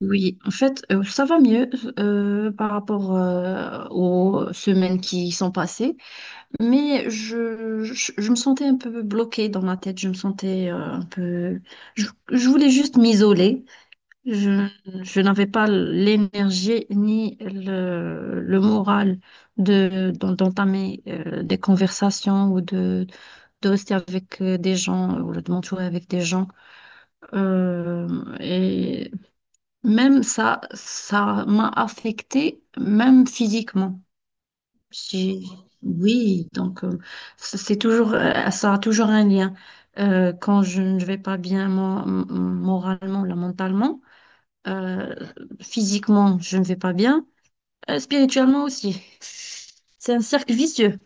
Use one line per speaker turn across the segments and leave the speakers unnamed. Oui, en fait, ça va mieux par rapport aux semaines qui sont passées, mais je me sentais un peu bloquée dans ma tête, je me sentais un peu... Je voulais juste m'isoler, je, je n'avais pas l'énergie ni le moral d'entamer des conversations ou de rester avec des gens ou de m'entourer avec des gens. Euh, et Même ça, ça m'a affectée, même physiquement. J'ai- Oui, donc, c'est toujours, ça a toujours un lien. Quand je ne vais pas bien moralement, là, mentalement, euh, physiquement, je ne vais pas bien, spirituellement aussi. C'est un cercle vicieux.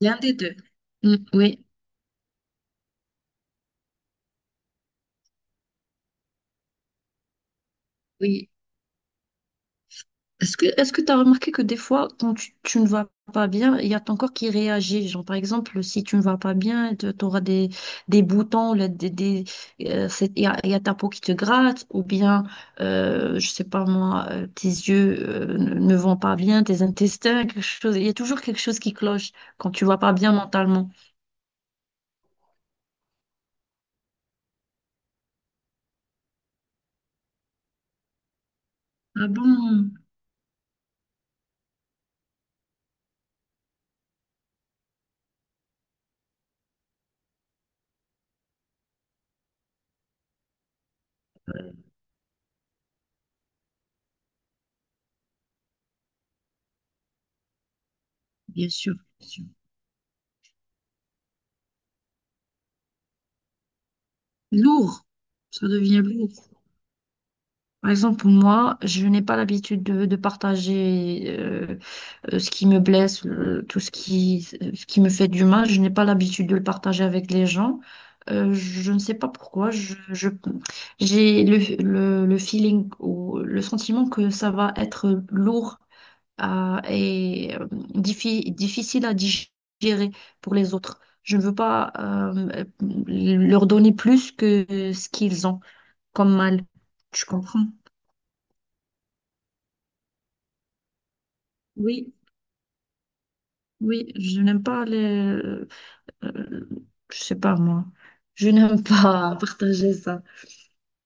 L'un des deux. Mm, oui, oui. Est-ce que tu as remarqué que des fois, quand tu ne vas pas bien, il y a ton corps qui réagit. Genre, par exemple, si tu ne vas pas bien, tu auras des boutons, là, il y a ta peau qui te gratte, ou bien, je sais pas moi, tes yeux ne vont pas bien, tes intestins, quelque chose. Il y a toujours quelque chose qui cloche quand tu vas pas bien mentalement. Ah bon? Bien sûr, bien sûr. Lourd. Ça devient lourd. Par exemple, moi, je n'ai pas l'habitude de partager. Ce qui me blesse, tout ce qui me fait du mal, je n'ai pas l'habitude de le partager avec les gens. Je ne sais pas pourquoi, j'ai le feeling ou le sentiment que ça va être lourd et difficile à digérer pour les autres. Je ne veux pas leur donner plus que ce qu'ils ont comme mal. Tu comprends? Oui, oui, je n'aime pas les, euh, je sais pas moi. Je n'aime pas partager ça.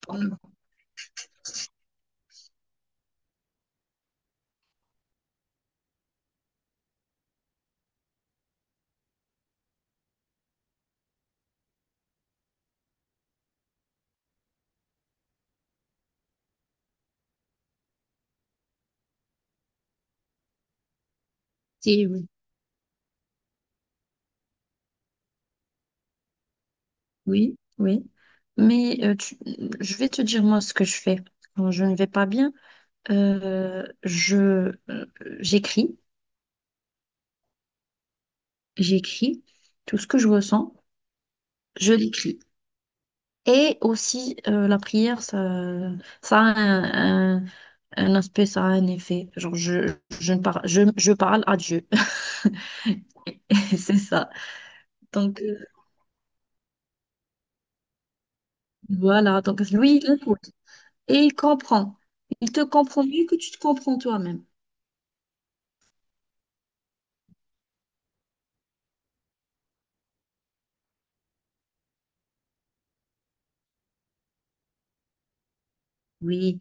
Pour nous. Si, oui, oui, oui. Mais je vais te dire moi ce que je fais. Quand je ne vais pas bien, je euh, j'écris, j'écris tout ce que je ressens, je l'écris. Et aussi, la prière, ça a un aspect, ça a un effet. Genre je ne parle, je parle à Dieu. C'est ça. Donc euh, voilà. Donc lui, il écoute et il comprend. Il te comprend mieux que tu te comprends toi-même. Oui,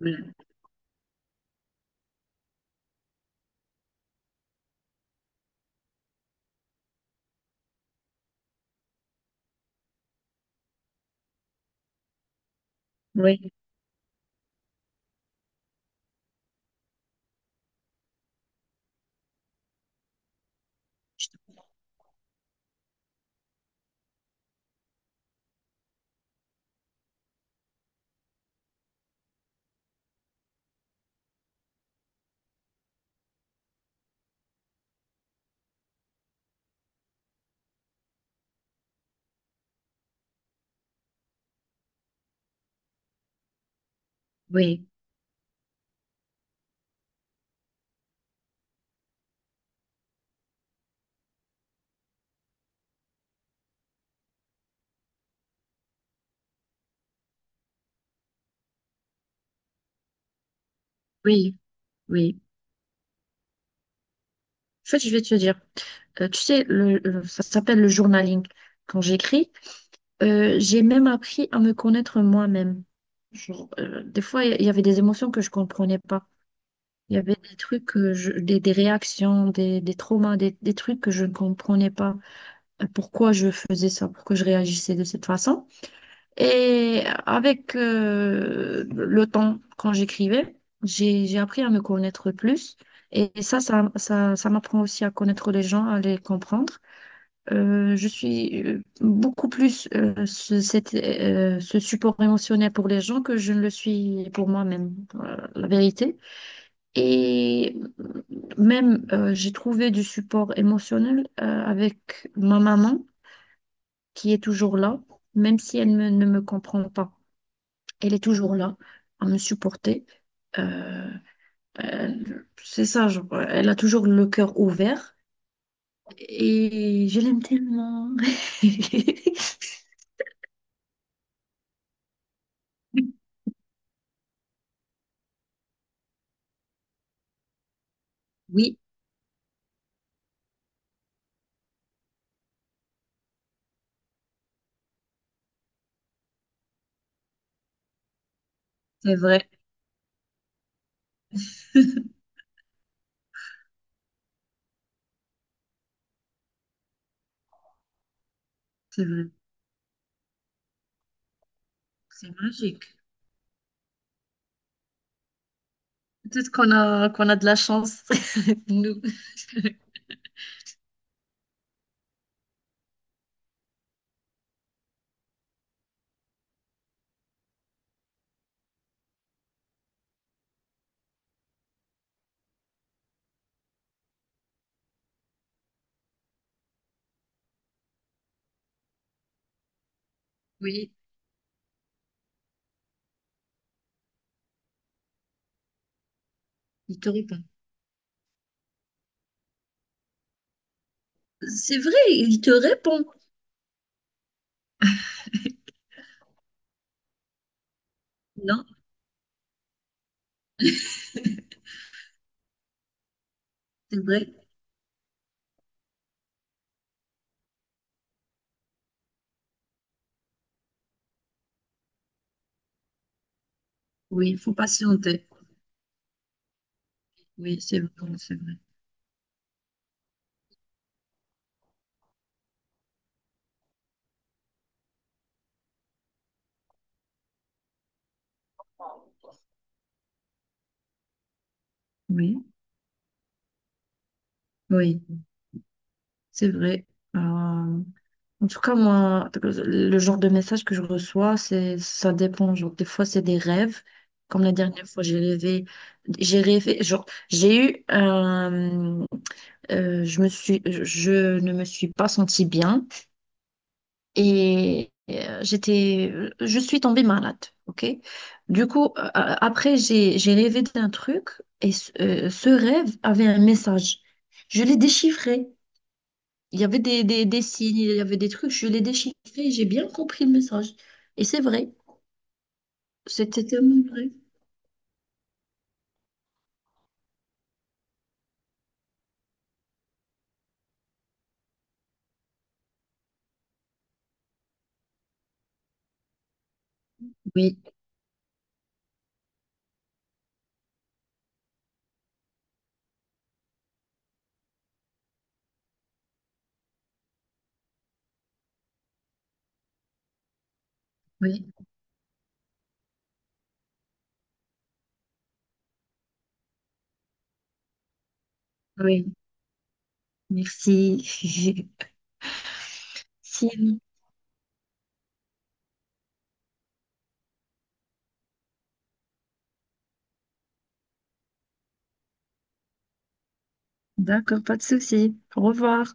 voilà. oui, je- oui, oui, oui. En fait, je vais te dire, tu sais, ça s'appelle le journaling. Quand j'écris, j'ai même appris à me connaître moi-même. Genre, des fois, il y avait des émotions que je comprenais pas. Il y avait des trucs, des réactions, des traumas, des trucs que je ne comprenais pas. Pourquoi je faisais ça, pourquoi je réagissais de cette façon. Et avec le temps, quand j'écrivais, j'ai appris à me connaître plus. Et ça m'apprend aussi à connaître les gens, à les comprendre. Je suis, beaucoup plus, ce support émotionnel pour les gens que je ne le suis pour moi-même, la vérité. Et même, j'ai trouvé du support émotionnel avec ma maman, qui est toujours là, même si ne me comprend pas. Elle est toujours là à me supporter. Euh, c'est ça, genre, elle a toujours le cœur ouvert et je l'aime tellement. Oui, c'est vrai, c'est vrai, c'est magique. Peut-être qu'on a de la chance, nous. Oui, il te répond. C'est vrai, il te répond. Non, c'est vrai. Oui, il faut patienter. Oui, c'est vrai, c'est vrai. Oui, oui, c'est vrai. Euh, En tout cas, moi, le genre de message que je reçois, c'est, ça dépend. Genre, des fois, c'est des rêves. Comme la dernière fois, j'ai rêvé, genre, j'ai eu un, je ne me suis pas sentie bien et j'étais, je suis tombée malade, ok? Du coup, après, j'ai rêvé d'un truc et ce rêve avait un message. Je l'ai déchiffré. Il y avait des signes, il y avait des trucs, je l'ai déchiffré, et j'ai bien compris le message. Et c'est vrai, c'était tellement vrai. Oui, oui, oui, merci. Si, d'accord, pas de souci. Au revoir.